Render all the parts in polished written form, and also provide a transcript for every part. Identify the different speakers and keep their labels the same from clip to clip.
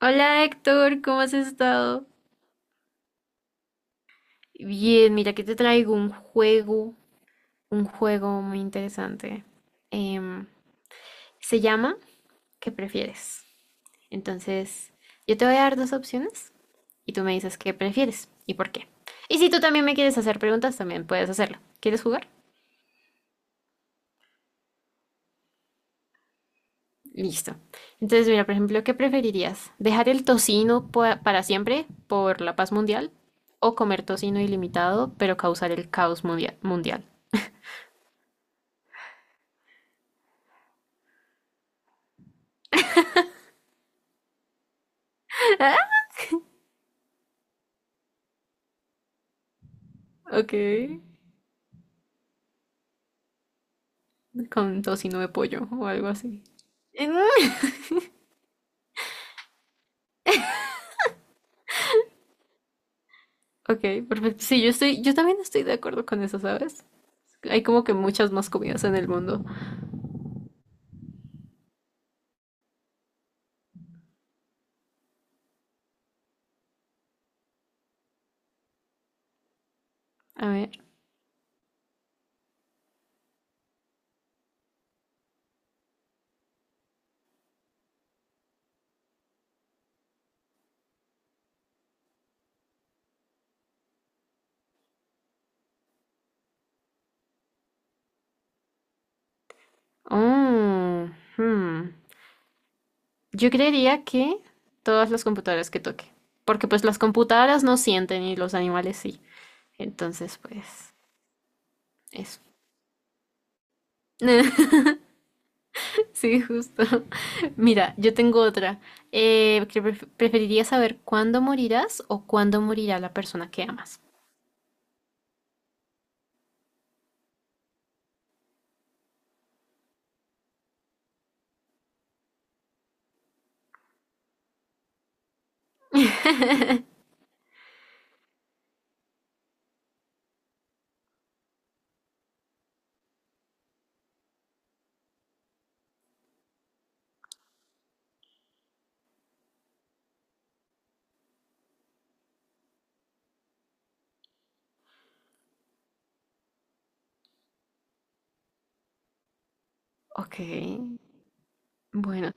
Speaker 1: Hola Héctor, ¿cómo has estado? Bien, mira que te traigo un juego muy interesante. Em, se llama ¿Qué prefieres? Entonces, yo te voy a dar dos opciones y tú me dices qué prefieres y por qué. Y si tú también me quieres hacer preguntas, también puedes hacerlo. ¿Quieres jugar? Listo. Entonces, mira, por ejemplo, ¿qué preferirías? ¿Dejar el tocino para siempre por la paz mundial o comer tocino ilimitado pero causar el caos mundial? Ok, con tocino de pollo o algo así. Mm. Ok, perfecto. Sí, yo también estoy de acuerdo con eso, ¿sabes? Hay como que muchas más comidas en el mundo. A ver. Oh, hmm. Yo creería que todas las computadoras que toque. Porque pues las computadoras no sienten y los animales sí. Entonces, pues, eso. Sí, justo. Mira, yo tengo otra. ¿Preferirías saber cuándo morirás o cuándo morirá la persona que amas? Ok, bueno.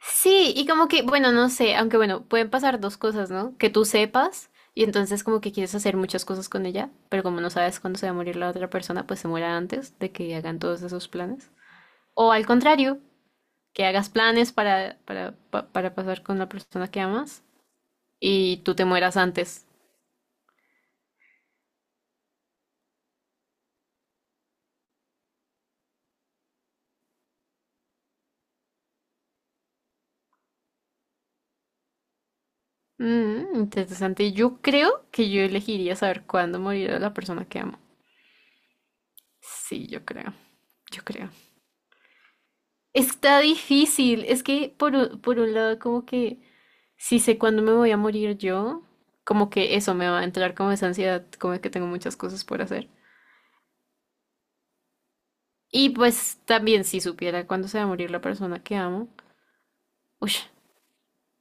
Speaker 1: Sí, y como que, bueno, no sé, aunque bueno, pueden pasar dos cosas, ¿no? Que tú sepas y entonces como que quieres hacer muchas cosas con ella, pero como no sabes cuándo se va a morir la otra persona, pues se muera antes de que hagan todos esos planes. O al contrario, que hagas planes para pasar con la persona que amas y tú te mueras antes. Mm, interesante. Yo creo que yo elegiría saber cuándo morirá la persona que amo. Sí, yo creo, yo creo. Está difícil. Es que por un lado, como que si sé cuándo me voy a morir yo, como que eso me va a entrar como esa ansiedad, como que tengo muchas cosas por hacer. Y pues también si supiera cuándo se va a morir la persona que amo, uy,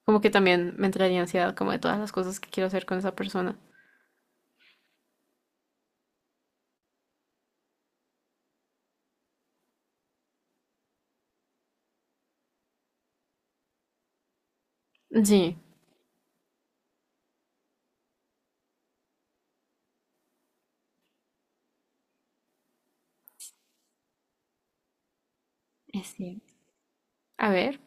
Speaker 1: como que también me entraría ansiedad como de todas las cosas que quiero hacer con esa persona. Sí, es cierto. A ver.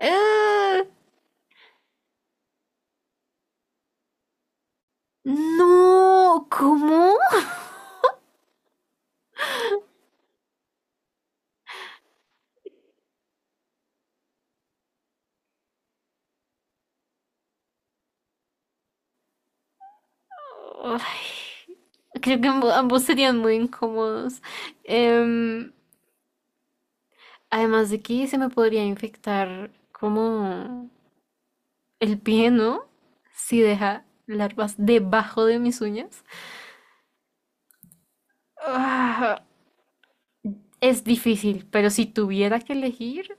Speaker 1: ¡Ah! No, ¿cómo? Ay, creo que ambos serían muy incómodos. Em, Además de que se me podría infectar como el pie, ¿no? Si deja larvas debajo de mis uñas. Ah, es difícil, pero si tuviera que elegir...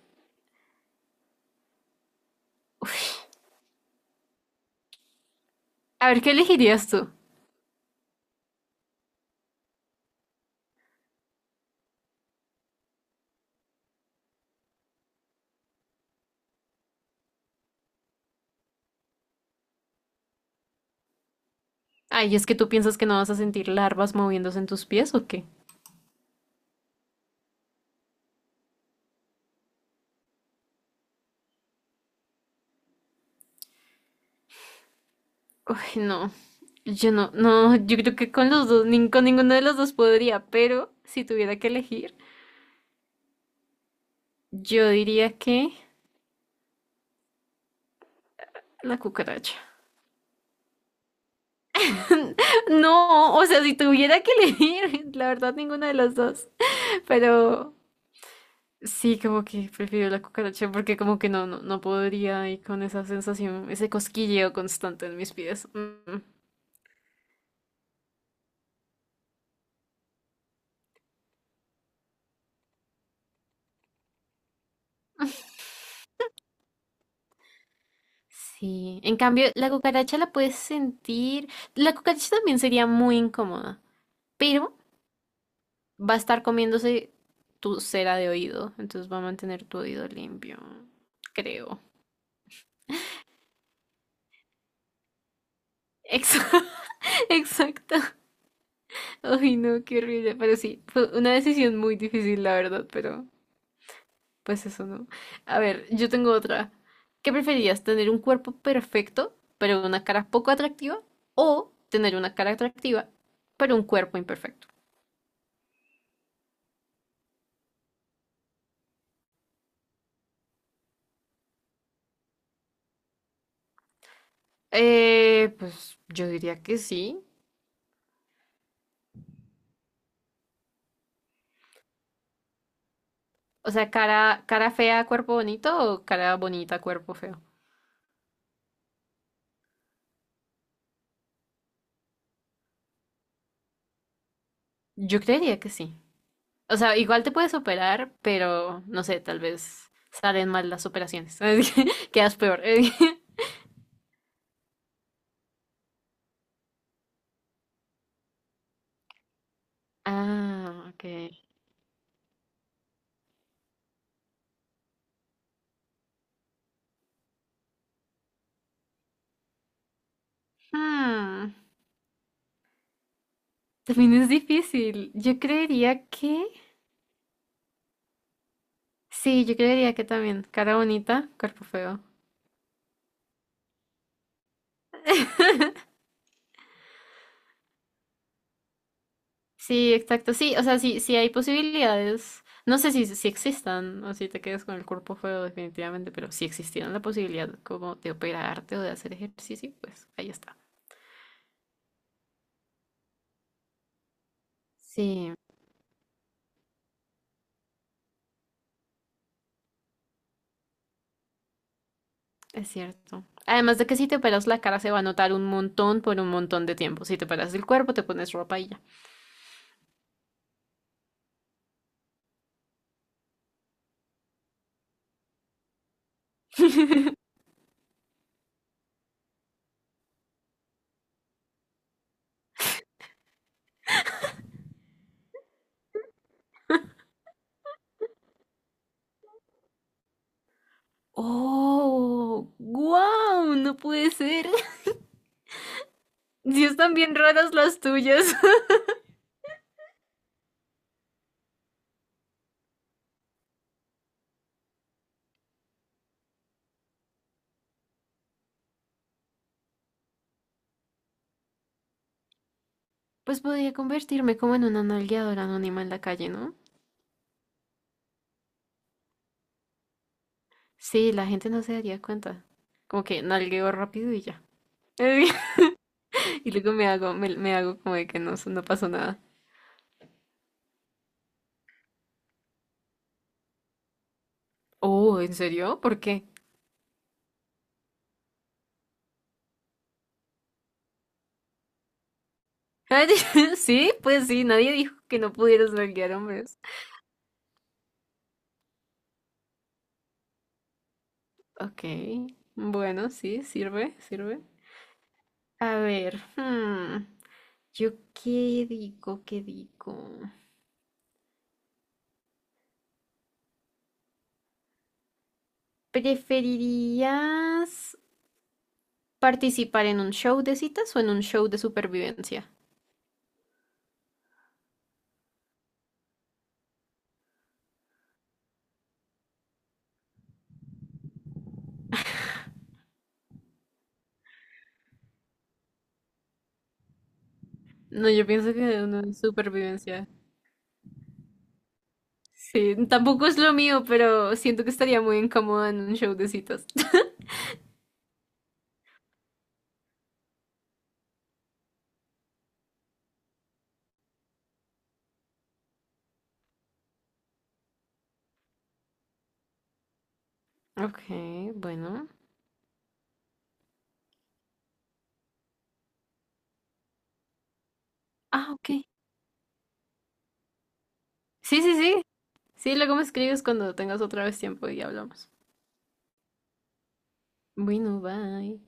Speaker 1: A ver, ¿qué elegirías tú? Ay, ¿es que tú piensas que no vas a sentir larvas moviéndose en tus pies o qué? Uy, no. Yo no, no, yo creo que con los dos, con ninguno de los dos podría, pero si tuviera que elegir, yo diría que la cucaracha. No, o sea, si tuviera que elegir, la verdad, ninguna de las dos. Pero sí, como que prefiero la cucaracha porque como que no, no, no podría ir con esa sensación, ese cosquilleo constante en mis pies. Mm. Sí, en cambio, la cucaracha la puedes sentir. La cucaracha también sería muy incómoda, pero va a estar comiéndose tu cera de oído, entonces va a mantener tu oído limpio, creo. Exa- Exacto. Ay, no, qué horrible. Pero sí, fue una decisión muy difícil, la verdad, pero pues eso no. A ver, yo tengo otra. ¿Qué preferías, tener un cuerpo perfecto, pero una cara poco atractiva? ¿O tener una cara atractiva, pero un cuerpo imperfecto? Pues yo diría que sí. O sea, cara, cara fea, cuerpo bonito o cara bonita, cuerpo feo. Yo creería que sí. O sea, igual te puedes operar, pero no sé, tal vez salen mal las operaciones. Quedas peor. Ah, ok. Hmm, también es difícil. Yo creería que... Sí, yo creería que también. Cara bonita, cuerpo feo. Sí, exacto. Sí, o sea, sí, sí hay posibilidades. No sé si existan o si te quedas con el cuerpo feo definitivamente, pero si existiera la posibilidad como de operarte o de hacer ejercicio, pues ahí está. Sí, es cierto. Además de que si te operas la cara se va a notar un montón por un montón de tiempo. Si te operas el cuerpo, te pones ropa y ya. Oh, wow, no puede ser. Sí están bien raras las tuyas. Pues podría convertirme como en una nalgueadora anónima en la calle, ¿no? Sí, la gente no se daría cuenta. Como que nalgueo rápido y ya. Y luego me hago como de que no, no pasó nada. Oh, ¿en serio? ¿Por qué? Sí, pues sí, nadie dijo que no pudieras nalguear hombres. Ok, bueno, sí, sirve, sirve. A ver, hmm. Yo qué digo, qué digo. ¿Preferirías participar en un show de citas o en un show de supervivencia? No, yo pienso que de uno de supervivencia. Sí, tampoco es lo mío, pero siento que estaría muy incómoda en un show de citas. Ok, bueno. Ah, ok. Sí, sí, sí. Sí, luego me escribes cuando tengas otra vez tiempo y hablamos. Bueno, bye.